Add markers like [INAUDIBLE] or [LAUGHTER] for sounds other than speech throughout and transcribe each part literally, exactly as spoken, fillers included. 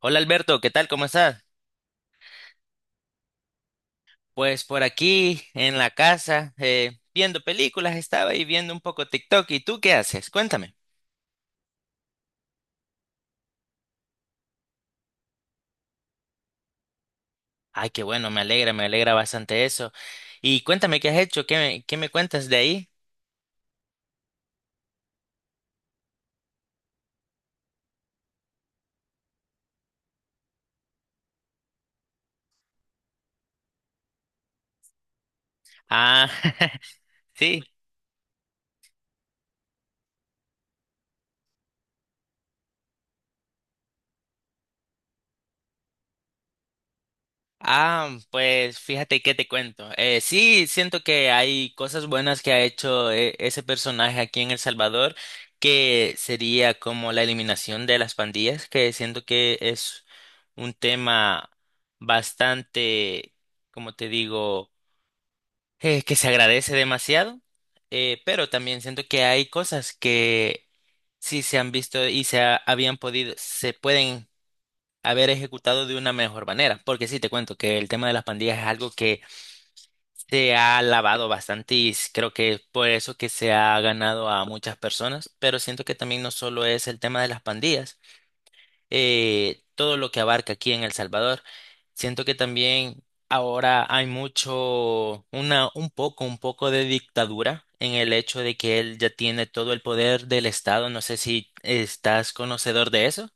Hola Alberto, ¿qué tal? ¿Cómo estás? Pues por aquí en la casa, eh, viendo películas, estaba y viendo un poco TikTok. ¿Y tú qué haces? Cuéntame. Ay, qué bueno, me alegra, me alegra bastante eso. Y cuéntame qué has hecho, qué me, qué me cuentas de ahí. Ah, [LAUGHS] sí. Ah, pues fíjate que te cuento. Eh, sí, siento que hay cosas buenas que ha hecho eh, ese personaje aquí en El Salvador, que sería como la eliminación de las pandillas, que siento que es un tema bastante, como te digo, eh, que se agradece demasiado. Eh, pero también siento que hay cosas que sí se han visto y se ha- habían podido, se pueden haber ejecutado de una mejor manera. Porque sí, te cuento que el tema de las pandillas es algo que se ha lavado bastante y s- creo que es por eso que se ha ganado a muchas personas. Pero siento que también no solo es el tema de las pandillas, eh, todo lo que abarca aquí en El Salvador. Siento que también ahora hay mucho, una, un poco, un poco de dictadura en el hecho de que él ya tiene todo el poder del Estado. No sé si estás conocedor de eso.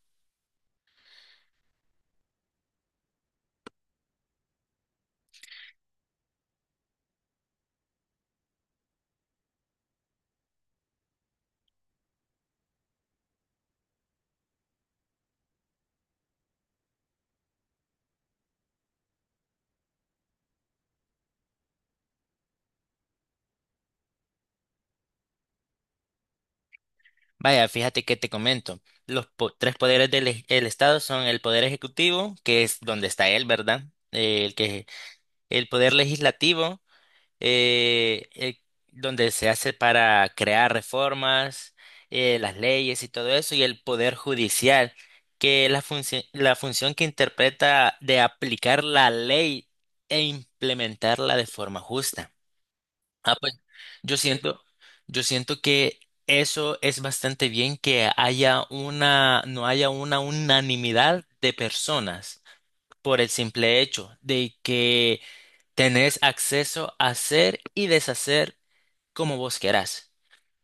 Vaya, fíjate que te comento. Los po- tres poderes del ej- el Estado son el poder ejecutivo, que es donde está él, ¿verdad? Eh, el que el poder legislativo, eh, eh, donde se hace para crear reformas, eh, las leyes y todo eso, y el poder judicial, que es la función la función que interpreta de aplicar la ley e implementarla de forma justa. Ah, pues yo siento, yo siento que eso es bastante bien que haya una, no haya una unanimidad de personas por el simple hecho de que tenés acceso a hacer y deshacer como vos querás.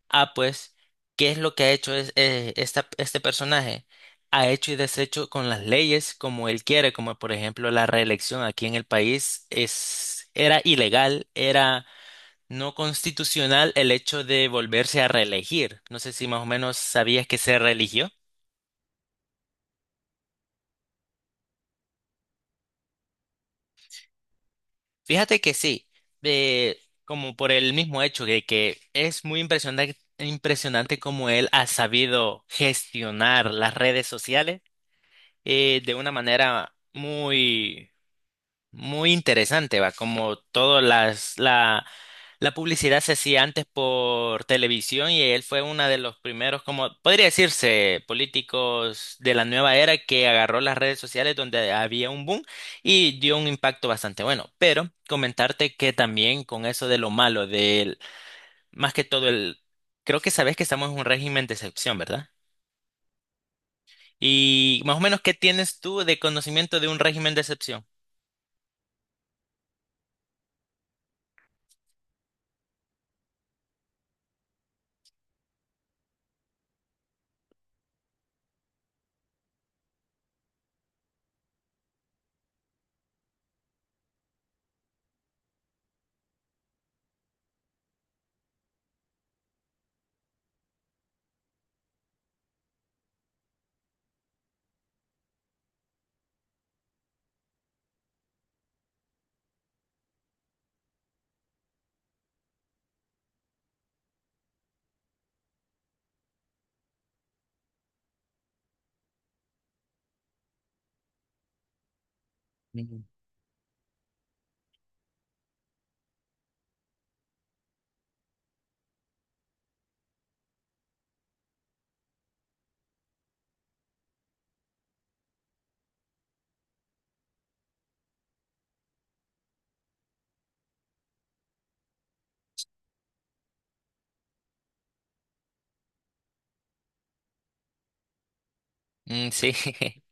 Ah, pues, ¿qué es lo que ha hecho es, eh, esta- este personaje? Ha hecho y deshecho con las leyes como él quiere, como por ejemplo la reelección aquí en el país es, era ilegal, era no constitucional el hecho de volverse a reelegir. No sé si más o menos sabías que se reeligió. Fíjate que sí, eh, como por el mismo hecho de que es muy impresionante, impresionante cómo él ha sabido gestionar las redes sociales eh, de una manera muy muy interesante, va, como todas las, la, la publicidad se hacía antes por televisión y él fue uno de los primeros, como podría decirse, políticos de la nueva era que agarró las redes sociales donde había un boom y dio un impacto bastante bueno. Pero comentarte que también con eso de lo malo, del, más que todo el, creo que sabes que estamos en un régimen de excepción, ¿verdad? Y más o menos, ¿qué tienes tú de conocimiento de un régimen de excepción? Mm, mm, sí. [LAUGHS]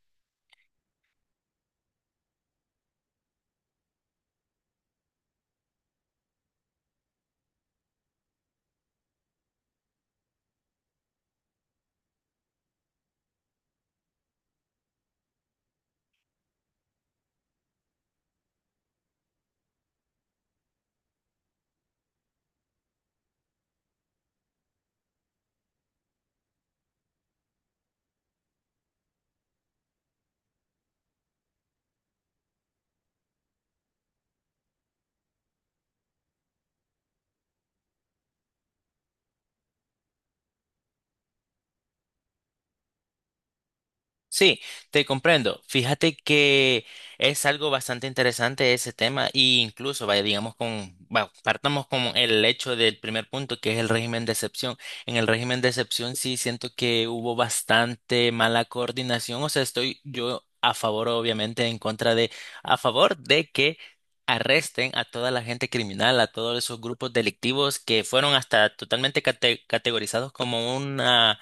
Sí, te comprendo. Fíjate que es algo bastante interesante ese tema e incluso, vaya, digamos, con, bueno, partamos con el hecho del primer punto, que es el régimen de excepción. En el régimen de excepción sí siento que hubo bastante mala coordinación, o sea, estoy yo a favor, obviamente, en contra de, a favor de que arresten a toda la gente criminal, a todos esos grupos delictivos que fueron hasta totalmente cate- categorizados como una...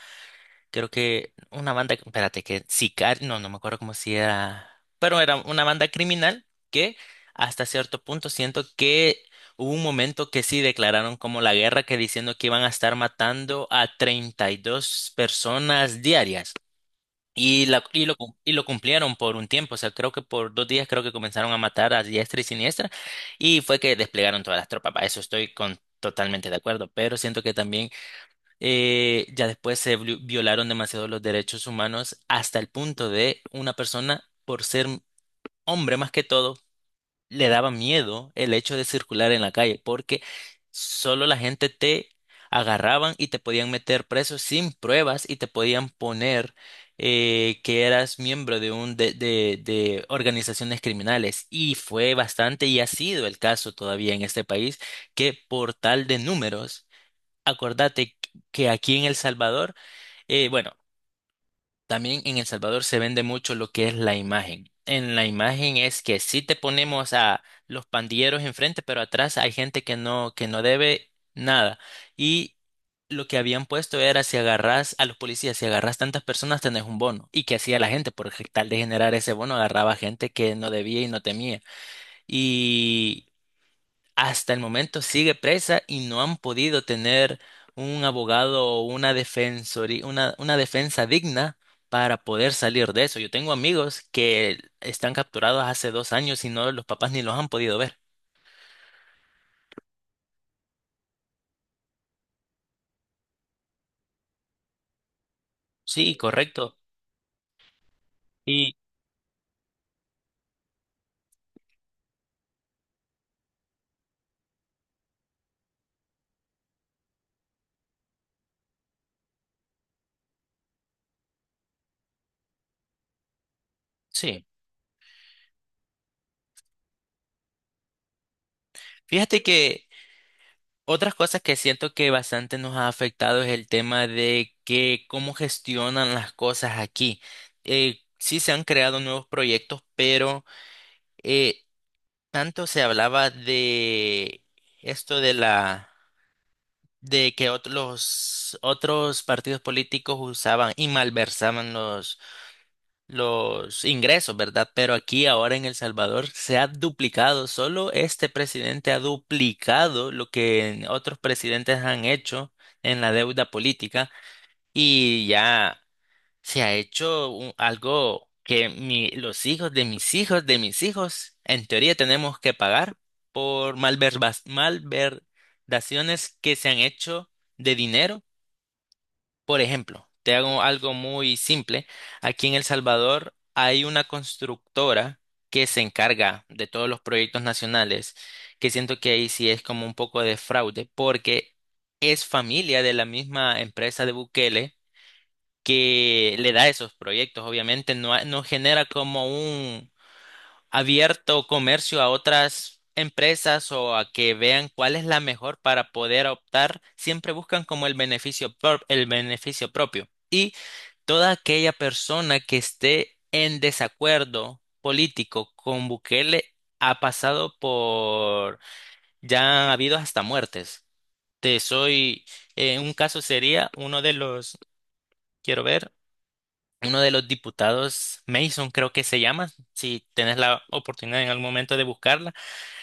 Creo que una banda, espérate, que Sicario, no, no me acuerdo cómo si era, pero era una banda criminal que hasta cierto punto siento que hubo un momento que sí declararon como la guerra, que diciendo que iban a estar matando a treinta y dos personas diarias. Y, la, y, lo, cum- y lo cumplieron por un tiempo, o sea, creo que por dos días creo que comenzaron a matar a diestra y siniestra y fue que desplegaron todas las tropas, para eso estoy con, totalmente de acuerdo, pero siento que también eh, ya después se vlu- violaron demasiado los derechos humanos hasta el punto de una persona, por ser hombre más que todo, le daba miedo el hecho de circular en la calle porque solo la gente te agarraban y te podían meter preso sin pruebas y te podían poner eh, que eras miembro de un de, de, de organizaciones criminales y fue bastante y ha sido el caso todavía en este país que por tal de números. Acordate que aquí en El Salvador, eh, bueno, también en El Salvador se vende mucho lo que es la imagen. En la imagen es que sí te ponemos a los pandilleros enfrente, pero atrás hay gente que no, que no debe nada. Y lo que habían puesto era si agarras a los policías, si agarras tantas personas, tenés un bono. ¿Y que hacía la gente? Por tal de generar ese bono, agarraba gente que no debía y no temía, hasta el momento sigue presa y no han podido tener un abogado o una defensoría, una, una defensa digna para poder salir de eso. Yo tengo amigos que están capturados hace dos años y no los papás ni los han podido ver. Sí, correcto. Y sí, fíjate que otras cosas que siento que bastante nos ha afectado es el tema de que cómo gestionan las cosas aquí. Eh, sí se han creado nuevos proyectos, pero... eh, tanto se hablaba de esto de la de que otros otros partidos políticos usaban y malversaban los los ingresos, ¿verdad? Pero aquí ahora en El Salvador se ha duplicado, solo este presidente ha duplicado lo que otros presidentes han hecho en la deuda política, y ya se ha hecho un- algo que mi- los hijos de mis hijos de mis hijos, en teoría tenemos que pagar por malverbas- malverdaciones que se han hecho de dinero. Por ejemplo, te hago algo muy simple. Aquí en El Salvador hay una constructora que se encarga de todos los proyectos nacionales, que siento que ahí sí es como un poco de fraude, porque es familia de la misma empresa de Bukele que le da esos proyectos. Obviamente no, ha- no genera como un abierto comercio a otras empresas o a que vean cuál es la mejor para poder optar. Siempre buscan como el beneficio, prop- el beneficio propio. Y toda aquella persona que esté en desacuerdo político con Bukele ha pasado por, ya ha habido hasta muertes. Te soy, eh, un caso sería uno de los, quiero ver, uno de los diputados, Mason creo que se llama, si tenés la oportunidad en algún momento de buscarla,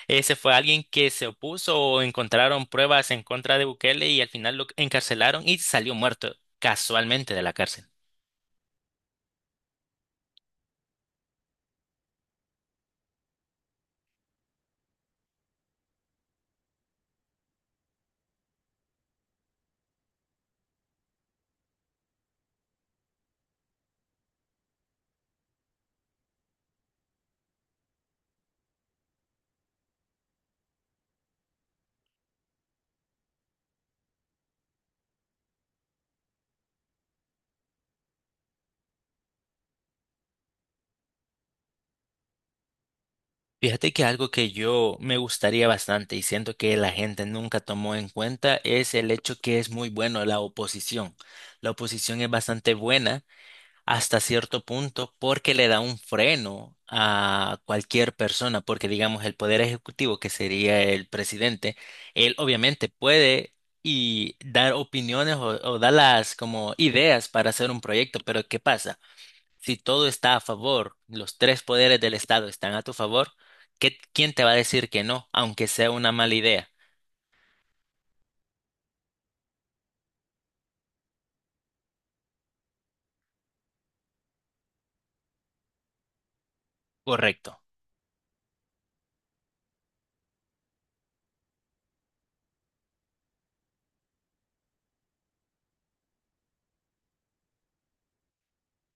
ese fue alguien que se opuso o encontraron pruebas en contra de Bukele y al final lo encarcelaron y salió muerto casualmente de la cárcel. Fíjate que algo que yo me gustaría bastante y siento que la gente nunca tomó en cuenta es el hecho que es muy bueno la oposición. La oposición es bastante buena hasta cierto punto porque le da un freno a cualquier persona, porque digamos el poder ejecutivo, que sería el presidente, él obviamente puede y dar opiniones o, o dar las como ideas para hacer un proyecto, pero ¿qué pasa? Si todo está a favor, los tres poderes del Estado están a tu favor, ¿qué- ¿quién te va a decir que no, aunque sea una mala idea? Correcto.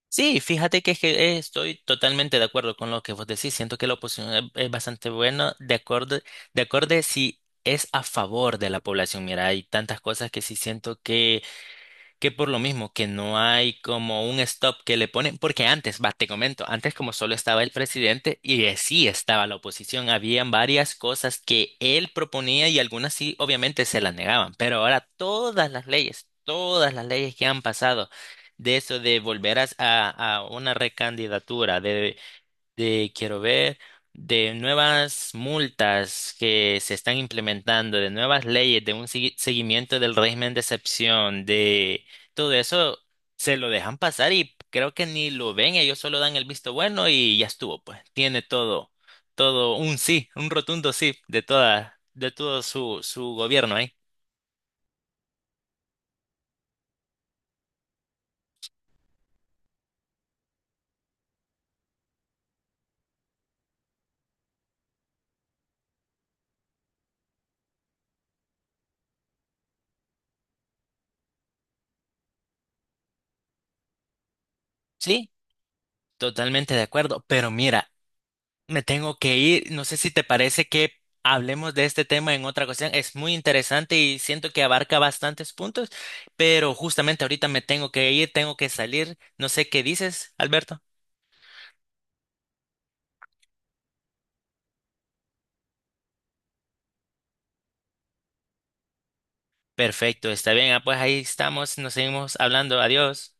Sí, fíjate que, es que, eh, estoy totalmente de acuerdo con lo que vos decís. Siento que la oposición es, es bastante buena, de acuerdo, de acuerdo si es a favor de la población. Mira, hay tantas cosas que sí siento que que por lo mismo que no hay como un stop que le ponen, porque antes, va, te comento, antes como solo estaba el presidente y eh, sí estaba la oposición, habían varias cosas que él proponía y algunas sí, obviamente se las negaban, pero ahora todas las leyes, todas las leyes que han pasado de eso de volver a, a a una recandidatura, de de quiero ver, de nuevas multas que se están implementando, de nuevas leyes, de un segui- seguimiento del régimen de excepción, de todo eso, se lo dejan pasar y creo que ni lo ven, ellos solo dan el visto bueno y ya estuvo, pues tiene todo, todo un sí, un rotundo sí de toda, de todo su, su gobierno ahí. Sí, totalmente de acuerdo, pero mira, me tengo que ir. No sé si te parece que hablemos de este tema en otra ocasión. Es muy interesante y siento que abarca bastantes puntos, pero justamente ahorita me tengo que ir, tengo que salir. No sé qué dices, Alberto. Perfecto, está bien. Ah, pues ahí estamos, nos seguimos hablando. Adiós.